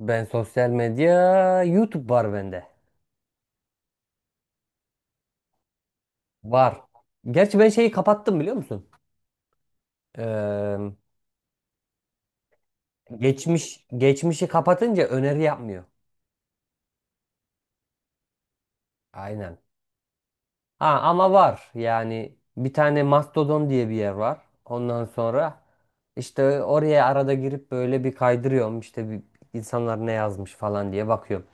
Ben sosyal medya, YouTube var bende. Var. Gerçi ben şeyi kapattım biliyor musun? Ee, geçmişi kapatınca öneri yapmıyor. Aynen. Ha ama var. Yani bir tane Mastodon diye bir yer var. Ondan sonra işte oraya arada girip böyle bir kaydırıyorum. İşte bir, insanlar ne yazmış falan diye bakıyorum.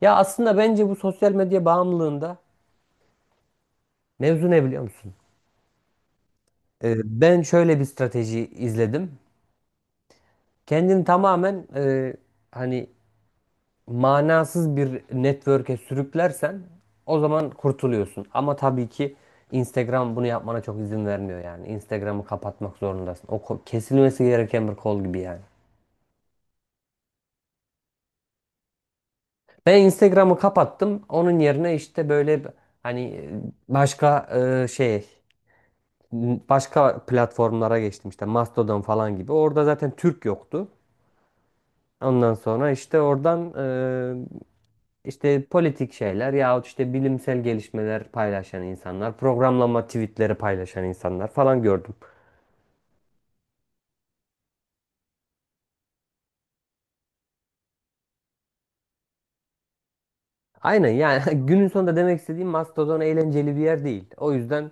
Ya aslında bence bu sosyal medya bağımlılığında mevzu ne biliyor musun? Ben şöyle bir strateji izledim. Kendini tamamen hani manasız bir network'e sürüklersen o zaman kurtuluyorsun. Ama tabii ki Instagram bunu yapmana çok izin vermiyor yani. Instagram'ı kapatmak zorundasın. O kesilmesi gereken bir kol gibi yani. Ben Instagram'ı kapattım. Onun yerine işte böyle hani başka şey başka platformlara geçtim işte Mastodon falan gibi. Orada zaten Türk yoktu. Ondan sonra işte oradan e, İşte politik şeyler yahut işte bilimsel gelişmeler paylaşan insanlar, programlama tweetleri paylaşan insanlar falan gördüm. Aynen yani günün sonunda demek istediğim Mastodon eğlenceli bir yer değil. O yüzden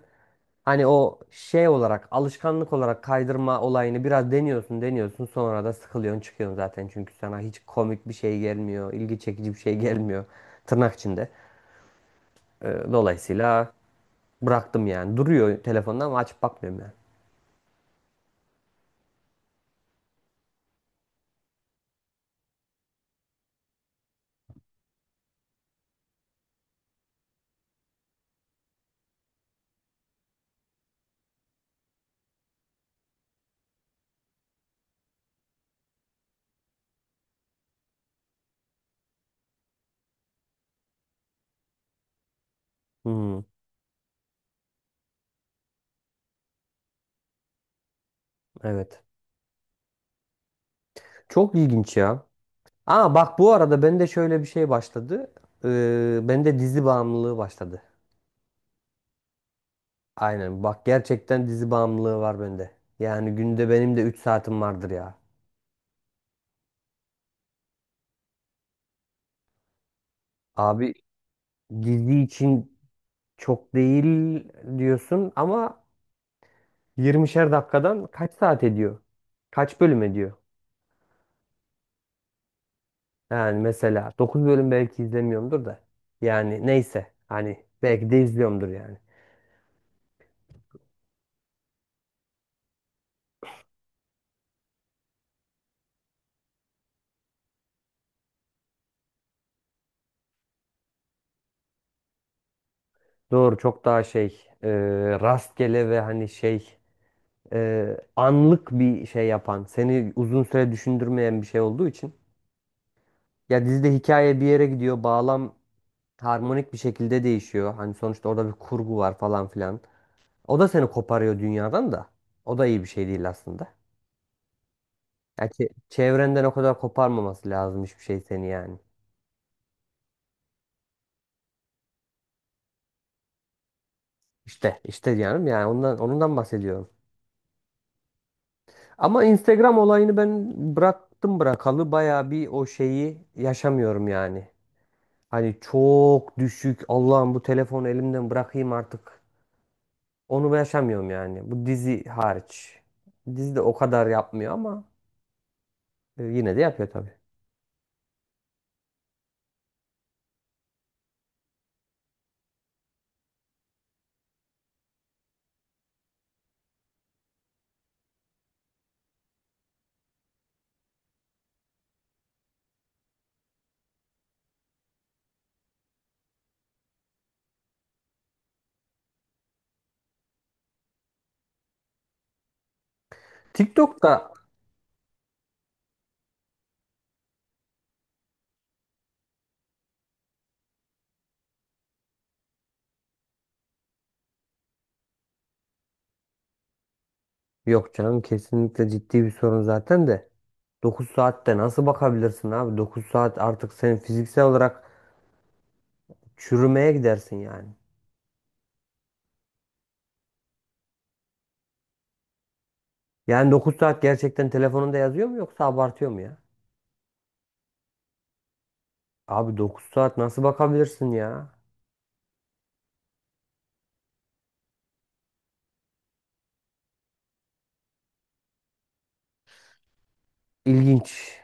hani o şey olarak alışkanlık olarak kaydırma olayını biraz deniyorsun deniyorsun sonra da sıkılıyorsun çıkıyorsun zaten. Çünkü sana hiç komik bir şey gelmiyor, ilgi çekici bir şey gelmiyor tırnak içinde. Dolayısıyla bıraktım yani duruyor telefonda ama açıp bakmıyorum yani. Hmm, evet. Çok ilginç ya. Aa bak bu arada bende şöyle bir şey başladı. Bende dizi bağımlılığı başladı. Aynen bak gerçekten dizi bağımlılığı var bende. Yani günde benim de 3 saatim vardır ya. Abi dizi için çok değil diyorsun ama 20'şer dakikadan kaç saat ediyor? Kaç bölüm ediyor? Yani mesela 9 bölüm belki izlemiyorumdur da. Yani neyse hani belki de izliyorumdur yani. Doğru çok daha şey rastgele ve hani şey anlık bir şey yapan, seni uzun süre düşündürmeyen bir şey olduğu için. Ya dizide hikaye bir yere gidiyor, bağlam harmonik bir şekilde değişiyor. Hani sonuçta orada bir kurgu var falan filan. O da seni koparıyor dünyadan da. O da iyi bir şey değil aslında. Ya çevrenden o kadar koparmaması lazım hiçbir şey seni yani. İşte, işte diyorum yani ondan bahsediyorum. Ama Instagram olayını ben bıraktım bırakalı bayağı bir o şeyi yaşamıyorum yani. Hani çok düşük. Allah'ım bu telefonu elimden bırakayım artık. Onu yaşamıyorum yani. Bu dizi hariç. Dizi de o kadar yapmıyor ama yine de yapıyor tabii. TikTok'ta. Yok canım, kesinlikle ciddi bir sorun zaten de. 9 saatte nasıl bakabilirsin abi? 9 saat artık sen fiziksel olarak çürümeye gidersin yani. Yani 9 saat gerçekten telefonunda yazıyor mu yoksa abartıyor mu ya? Abi 9 saat nasıl bakabilirsin ya? İlginç.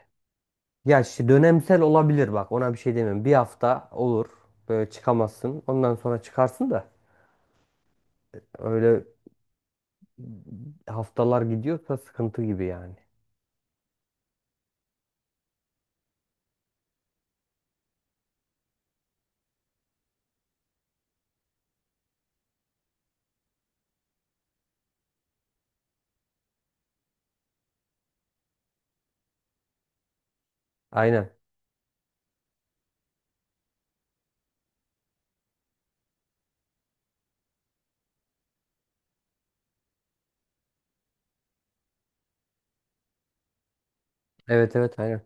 Ya işte dönemsel olabilir bak ona bir şey demiyorum. Bir hafta olur böyle çıkamazsın. Ondan sonra çıkarsın da öyle haftalar gidiyorsa sıkıntı gibi yani. Aynen. Evet evet aynen.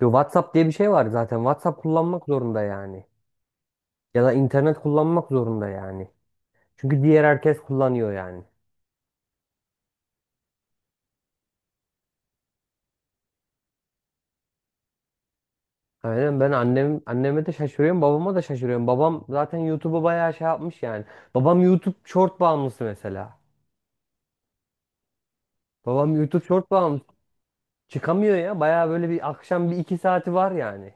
Yo, WhatsApp diye bir şey var zaten. WhatsApp kullanmak zorunda yani. Ya da internet kullanmak zorunda yani. Çünkü diğer herkes kullanıyor yani. Aynen ben anneme de şaşırıyorum, babama da şaşırıyorum. Babam zaten YouTube'u bayağı şey yapmış yani. Babam YouTube short bağımlısı mesela. Babam YouTube short bağımlısı. Çıkamıyor ya. Bayağı böyle bir akşam bir iki saati var yani.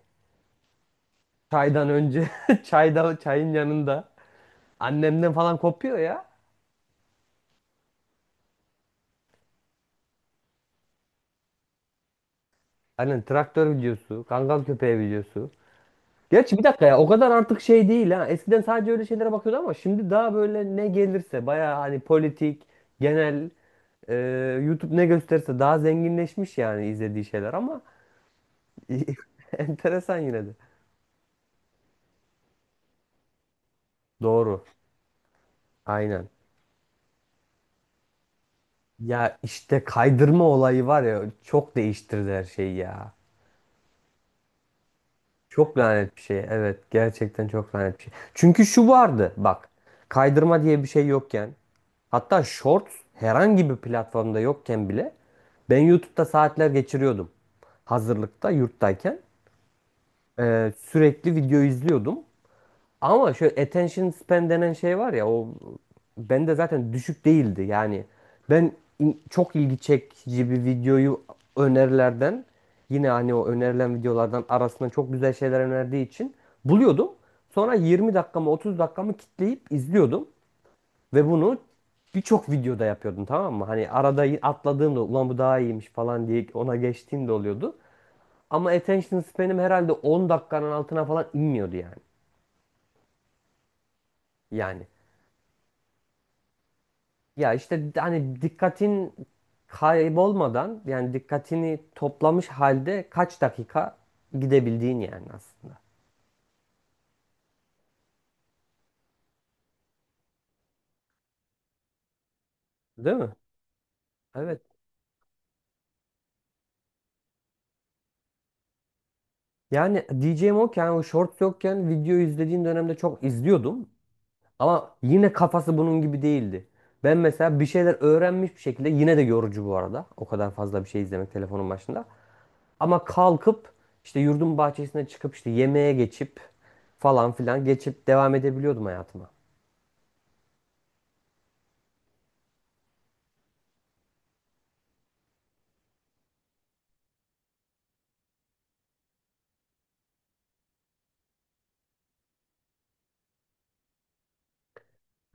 Çaydan önce. Çayın yanında. Annemden falan kopuyor ya. Hani traktör videosu, kangal köpeği videosu. Gerçi bir dakika ya o kadar artık şey değil ha. Eskiden sadece öyle şeylere bakıyordu ama şimdi daha böyle ne gelirse bayağı hani politik, genel, e, YouTube ne gösterirse daha zenginleşmiş yani izlediği şeyler ama enteresan yine de. Doğru. Aynen. Ya işte kaydırma olayı var ya çok değiştirdi her şeyi ya. Çok lanet bir şey. Evet, gerçekten çok lanet bir şey. Çünkü şu vardı bak. Kaydırma diye bir şey yokken hatta Shorts herhangi bir platformda yokken bile ben YouTube'da saatler geçiriyordum. Hazırlıkta, yurttayken sürekli video izliyordum. Ama şöyle attention span denen şey var ya o bende zaten düşük değildi. Yani ben çok ilgi çekici bir videoyu önerilerden yine hani o önerilen videolardan arasından çok güzel şeyler önerdiği için buluyordum. Sonra 20 dakikamı 30 dakikamı kitleyip izliyordum ve bunu birçok videoda yapıyordum, tamam mı? Hani arada atladığım da ulan bu daha iyiymiş falan diye ona geçtiğim de oluyordu. Ama attention span'im herhalde 10 dakikanın altına falan inmiyordu yani. Yani. Ya işte hani dikkatin kaybolmadan yani dikkatini toplamış halde kaç dakika gidebildiğin yani aslında. Değil mi? Evet. Yani diyeceğim o ki yani o shorts yokken video izlediğim dönemde çok izliyordum. Ama yine kafası bunun gibi değildi. Ben mesela bir şeyler öğrenmiş bir şekilde yine de yorucu bu arada. O kadar fazla bir şey izlemek telefonun başında. Ama kalkıp işte yurdun bahçesine çıkıp işte yemeğe geçip falan filan geçip devam edebiliyordum hayatıma.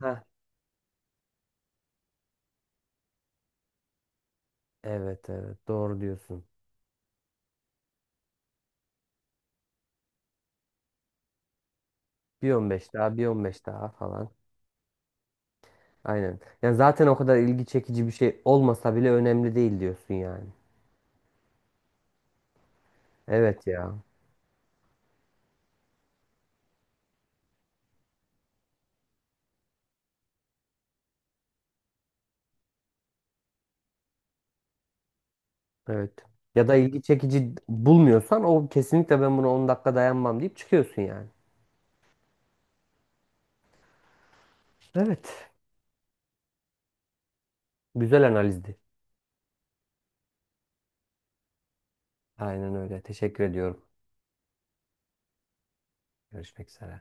Heh. Evet evet doğru diyorsun. Bir 15 daha bir 15 daha falan. Aynen. Yani zaten o kadar ilgi çekici bir şey olmasa bile önemli değil diyorsun yani. Evet ya. Evet. Ya da ilgi çekici bulmuyorsan o kesinlikle ben buna 10 dakika dayanmam deyip çıkıyorsun yani. Evet. Güzel analizdi. Aynen öyle. Teşekkür ediyorum. Görüşmek üzere.